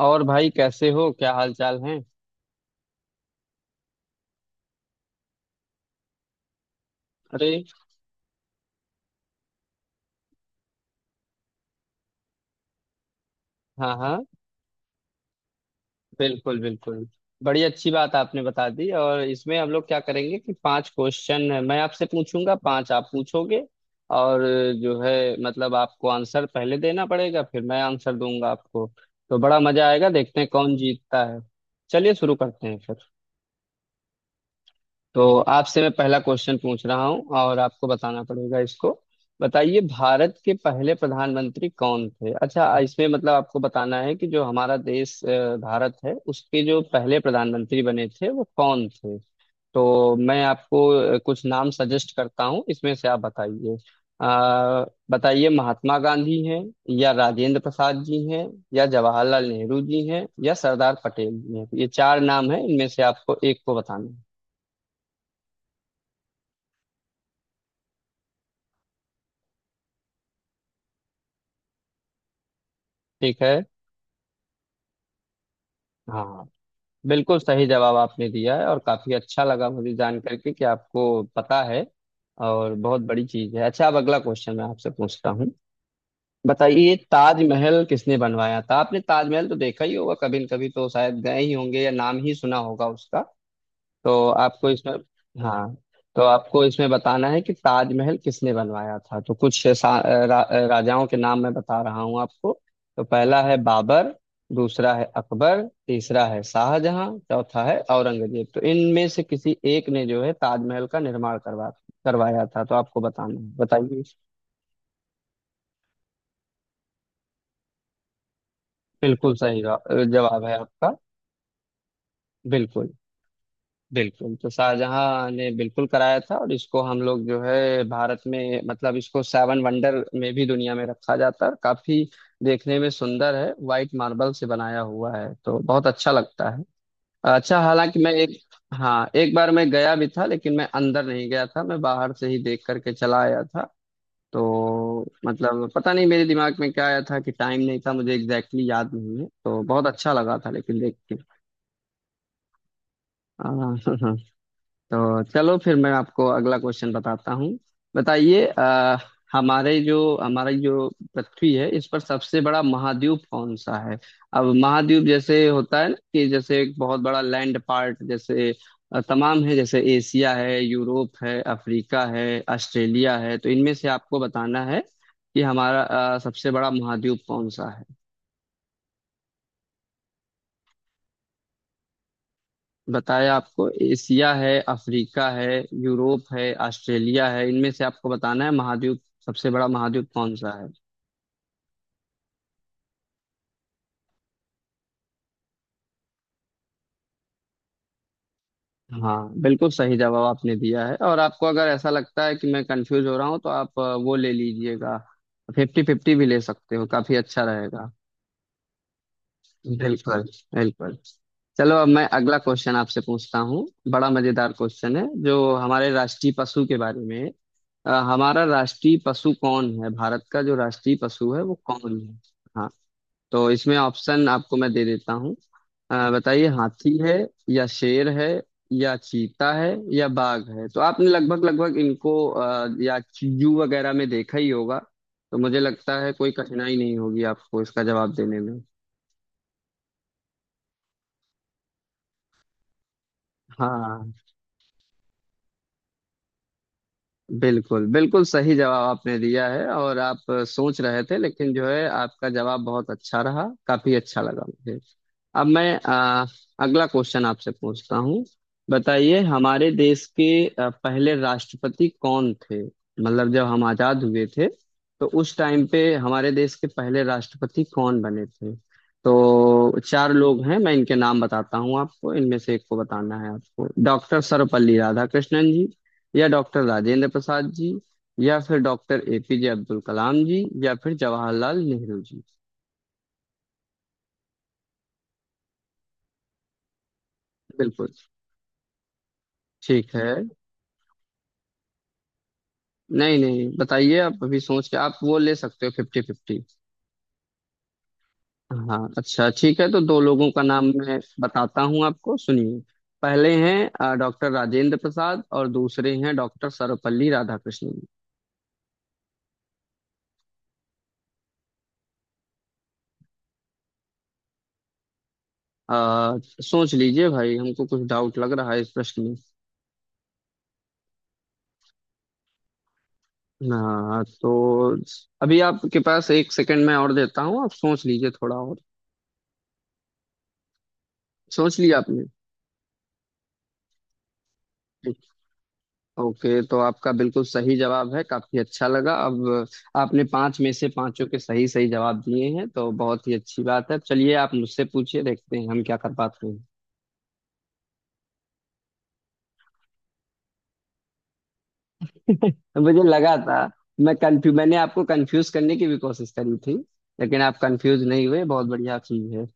और भाई, कैसे हो? क्या हाल चाल है? अरे। हाँ हाँ। बिल्कुल बिल्कुल। बड़ी अच्छी बात आपने बता दी। और इसमें हम लोग क्या करेंगे कि पांच क्वेश्चन है, मैं आपसे पूछूंगा, पांच आप पूछोगे। और जो है, मतलब आपको आंसर पहले देना पड़ेगा, फिर मैं आंसर दूंगा आपको। तो बड़ा मजा आएगा, देखते हैं कौन जीतता है। चलिए शुरू करते हैं फिर। तो आपसे मैं पहला क्वेश्चन पूछ रहा हूँ, और आपको बताना पड़ेगा इसको। बताइए, भारत के पहले प्रधानमंत्री कौन थे? अच्छा, इसमें मतलब आपको बताना है कि जो हमारा देश भारत है, उसके जो पहले प्रधानमंत्री बने थे, वो कौन थे। तो मैं आपको कुछ नाम सजेस्ट करता हूँ, इसमें से आप बताइए। अ, बताइए, महात्मा गांधी हैं, या राजेंद्र प्रसाद जी हैं, या जवाहरलाल नेहरू जी हैं, या सरदार पटेल जी हैं। ये चार नाम हैं, इनमें से आपको एक को बताना है। ठीक है। हाँ। बिल्कुल सही जवाब आपने दिया है, और काफी अच्छा लगा मुझे जान करके कि आपको पता है। और बहुत बड़ी चीज है। अच्छा, अब अगला क्वेश्चन मैं आपसे पूछता हूँ। बताइए, ताजमहल किसने बनवाया था? आपने ताजमहल तो देखा ही होगा कभी न कभी, तो शायद गए ही होंगे या नाम ही सुना होगा उसका। तो आपको इसमें। हाँ। तो आपको इसमें बताना है कि ताजमहल किसने बनवाया था। तो कुछ रा, राजाओं के नाम मैं बता रहा हूँ आपको। तो पहला है बाबर, दूसरा है अकबर, तीसरा है शाहजहां, चौथा है औरंगजेब। तो इनमें से किसी एक ने जो है ताजमहल का निर्माण करवाया था। तो आपको बताना है, बताइए। बिल्कुल सही जवाब है आपका। बिल्कुल बिल्कुल। तो शाहजहां ने बिल्कुल कराया था, और इसको हम लोग जो है भारत में, मतलब इसको सेवन वंडर में भी दुनिया में रखा जाता है, और काफी देखने में सुंदर है, वाइट मार्बल से बनाया हुआ है, तो बहुत अच्छा लगता है। अच्छा, हालांकि मैं एक। हाँ, एक बार मैं गया भी था, लेकिन मैं अंदर नहीं गया था, मैं बाहर से ही देख करके चला आया था। तो मतलब पता नहीं मेरे दिमाग में क्या आया था कि टाइम नहीं था, मुझे एग्जैक्टली exactly याद नहीं है। तो बहुत अच्छा लगा था लेकिन देख के। हाँ। तो चलो, फिर मैं आपको अगला क्वेश्चन बताता हूँ। बताइए, हमारे जो हमारी जो पृथ्वी है, इस पर सबसे बड़ा महाद्वीप कौन सा है? अब महाद्वीप जैसे होता है ना, कि जैसे एक बहुत बड़ा लैंड पार्ट, जैसे तमाम है, जैसे एशिया है, यूरोप है, अफ्रीका है, ऑस्ट्रेलिया है। तो इनमें से आपको बताना है कि हमारा सबसे बड़ा महाद्वीप कौन सा है। बताया आपको, एशिया है, अफ्रीका है, यूरोप है, ऑस्ट्रेलिया है, इनमें से आपको बताना है महाद्वीप, सबसे बड़ा महाद्वीप कौन सा है। हाँ, बिल्कुल सही जवाब आपने दिया है। और आपको अगर ऐसा लगता है कि मैं कंफ्यूज हो रहा हूँ, तो आप वो ले लीजिएगा। फिफ्टी फिफ्टी भी ले सकते हो, काफी अच्छा रहेगा। बिल्कुल बिल्कुल। चलो, अब मैं अगला क्वेश्चन आपसे पूछता हूँ। बड़ा मजेदार क्वेश्चन है, जो हमारे राष्ट्रीय पशु के बारे में है। हमारा राष्ट्रीय पशु कौन है? भारत का जो राष्ट्रीय पशु है, वो कौन है? हाँ। तो इसमें ऑप्शन आपको मैं दे देता हूँ। बताइए, हाथी है, या शेर है, या चीता है, या बाघ है। तो आपने लगभग लगभग इनको या जू वगैरह में देखा ही होगा, तो मुझे लगता है कोई कठिनाई नहीं होगी आपको इसका जवाब देने में। हाँ। बिल्कुल बिल्कुल सही जवाब आपने दिया है, और आप सोच रहे थे, लेकिन जो है आपका जवाब बहुत अच्छा रहा, काफी अच्छा लगा मुझे। अब मैं अगला क्वेश्चन आपसे पूछता हूँ। बताइए, हमारे देश के पहले राष्ट्रपति कौन थे? मतलब जब हम आजाद हुए थे, तो उस टाइम पे हमारे देश के पहले राष्ट्रपति कौन बने थे। तो चार लोग हैं, मैं इनके नाम बताता हूँ आपको, इनमें से एक को बताना है आपको। डॉक्टर सर्वपल्ली राधाकृष्णन जी, या डॉक्टर राजेंद्र प्रसाद जी, या फिर डॉक्टर एपीजे अब्दुल कलाम जी, या फिर जवाहरलाल नेहरू जी। बिल्कुल। ठीक है। नहीं नहीं, बताइए आप। अभी सोच के, आप वो ले सकते हो, फिफ्टी फिफ्टी। हाँ। अच्छा ठीक है, तो दो लोगों का नाम मैं बताता हूँ आपको, सुनिए। पहले हैं डॉक्टर राजेंद्र प्रसाद, और दूसरे हैं डॉक्टर सर्वपल्ली राधाकृष्णन। अ, सोच लीजिए भाई, हमको कुछ डाउट लग रहा है इस प्रश्न। हाँ, तो अभी आपके पास एक सेकंड मैं और देता हूँ, आप सोच लीजिए थोड़ा और। सोच लिया आपने? ओके, तो आपका बिल्कुल सही जवाब है, काफी अच्छा लगा। अब आपने पांच में से पांचों के सही सही जवाब दिए हैं, तो बहुत ही अच्छी बात है। चलिए, आप मुझसे पूछिए, देखते हैं हम क्या कर पाते हैं। तो मुझे लगा था, मैं कंफ्यू मैंने आपको कंफ्यूज करने की भी कोशिश करी थी, लेकिन आप कंफ्यूज नहीं हुए, बहुत बढ़िया चीज है।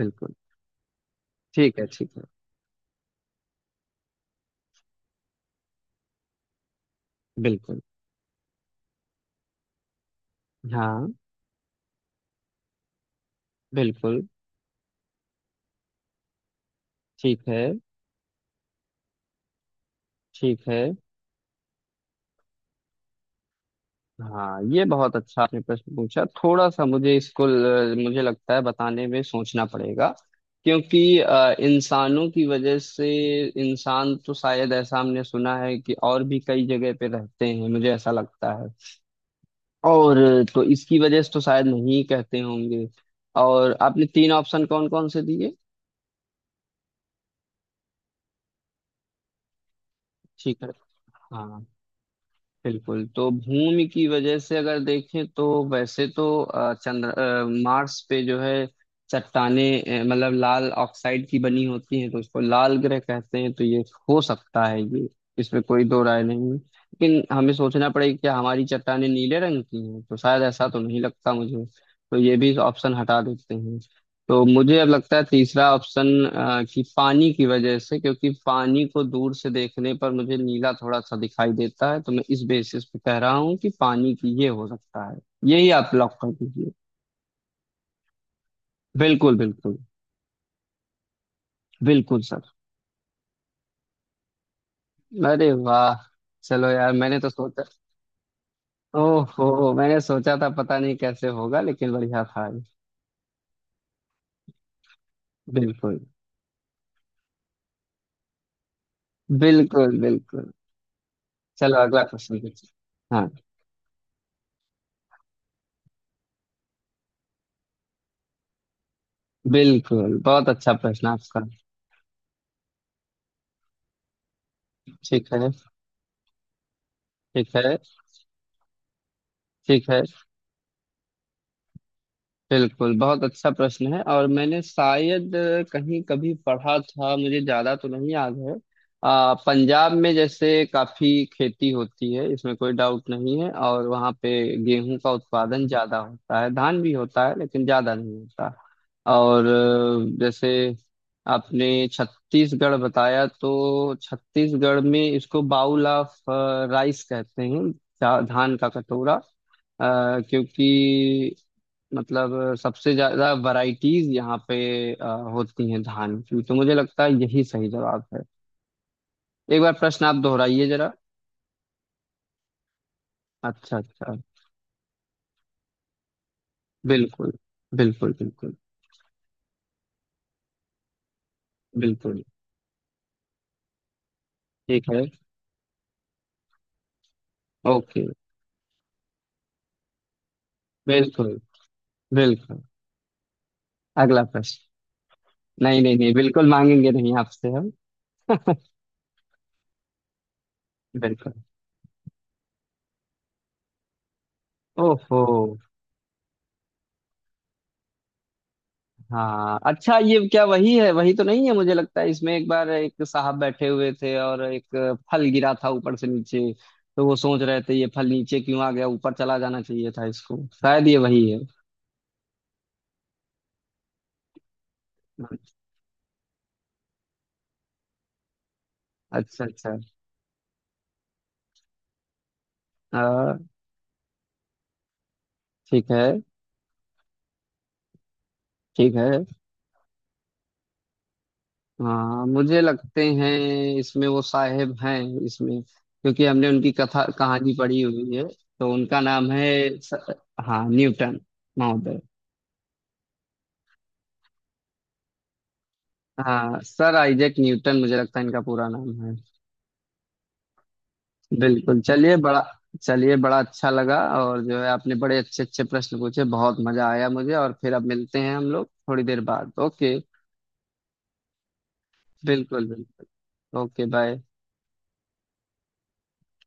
बिल्कुल। ठीक है ठीक है। बिल्कुल। हाँ बिल्कुल। ठीक है ठीक है। हाँ, ये बहुत अच्छा आपने प्रश्न पूछा, थोड़ा सा मुझे इसको मुझे लगता है बताने में सोचना पड़ेगा। क्योंकि इंसानों की वजह से, इंसान तो शायद ऐसा हमने सुना है कि और भी कई जगह पे रहते हैं, मुझे ऐसा लगता है, और तो इसकी वजह से तो शायद नहीं कहते होंगे। और आपने तीन ऑप्शन कौन कौन से दिए? ठीक है। हाँ बिल्कुल। तो भूमि की वजह से अगर देखें, तो वैसे तो चंद्र मार्स पे जो है चट्टाने, मतलब लाल ऑक्साइड की बनी होती हैं, तो उसको लाल ग्रह कहते हैं। तो ये हो सकता है। ये इसमें कोई दो राय नहीं है। लेकिन हमें सोचना पड़ेगा, क्या हमारी चट्टाने नीले रंग की हैं? तो शायद ऐसा तो नहीं लगता मुझे। तो ये भी ऑप्शन हटा देते हैं। तो मुझे अब लगता है तीसरा ऑप्शन, कि पानी की वजह से। क्योंकि पानी को दूर से देखने पर मुझे नीला थोड़ा सा दिखाई देता है, तो मैं इस बेसिस पे कह रहा हूँ कि पानी की, ये हो सकता है। यही आप लॉक कर दीजिए। बिल्कुल बिल्कुल। बिल्कुल सर। अरे वाह! चलो यार, मैंने तो सोचा, ओहो, मैंने सोचा था पता नहीं कैसे होगा, लेकिन बढ़िया था ये। बिल्कुल बिल्कुल बिल्कुल। चलो, अगला क्वेश्चन कीजिए। हाँ बिल्कुल, बहुत अच्छा प्रश्न आपका। ठीक है ठीक है ठीक है। बिल्कुल, बहुत अच्छा प्रश्न है, और मैंने शायद कहीं कभी पढ़ा था, मुझे ज्यादा तो नहीं याद है। पंजाब में जैसे काफी खेती होती है, इसमें कोई डाउट नहीं है, और वहाँ पे गेहूं का उत्पादन ज्यादा होता है, धान भी होता है लेकिन ज्यादा नहीं होता। और जैसे आपने छत्तीसगढ़ बताया, तो छत्तीसगढ़ में इसको बाउल ऑफ राइस कहते हैं, धान का कटोरा। क्योंकि मतलब सबसे ज्यादा वैरायटीज यहाँ पे अ, होती हैं धान की, तो मुझे लगता है यही सही जवाब है। एक बार प्रश्न आप दोहराइए जरा। अच्छा अच्छा। बिल्कुल बिल्कुल। बिल्कुल बिल्कुल। ठीक है। ओके। बिल्कुल बिल्कुल। अगला प्रश्न। नहीं नहीं नहीं, बिल्कुल मांगेंगे नहीं आपसे हम। बिल्कुल। ओहो। हाँ अच्छा, ये क्या वही है? वही तो नहीं है? मुझे लगता है इसमें एक बार एक साहब बैठे हुए थे, और एक फल गिरा था ऊपर से नीचे, तो वो सोच रहे थे ये फल नीचे क्यों आ गया, ऊपर चला जाना चाहिए था इसको, शायद ये वही है। अच्छा अच्छा। हाँ। ठीक है ठीक है। हाँ, मुझे लगते हैं इसमें वो साहेब हैं इसमें, क्योंकि हमने उनकी कथा कहानी पढ़ी हुई है। तो उनका नाम है हाँ, न्यूटन महोदय। हाँ, सर आइजैक न्यूटन, मुझे लगता है इनका पूरा नाम है। बिल्कुल। चलिए बड़ा अच्छा लगा। और जो है, आपने बड़े अच्छे अच्छे प्रश्न पूछे, बहुत मजा आया मुझे। और फिर अब मिलते हैं हम लोग थोड़ी देर बाद, ओके। बिल्कुल बिल्कुल। Okay, bye.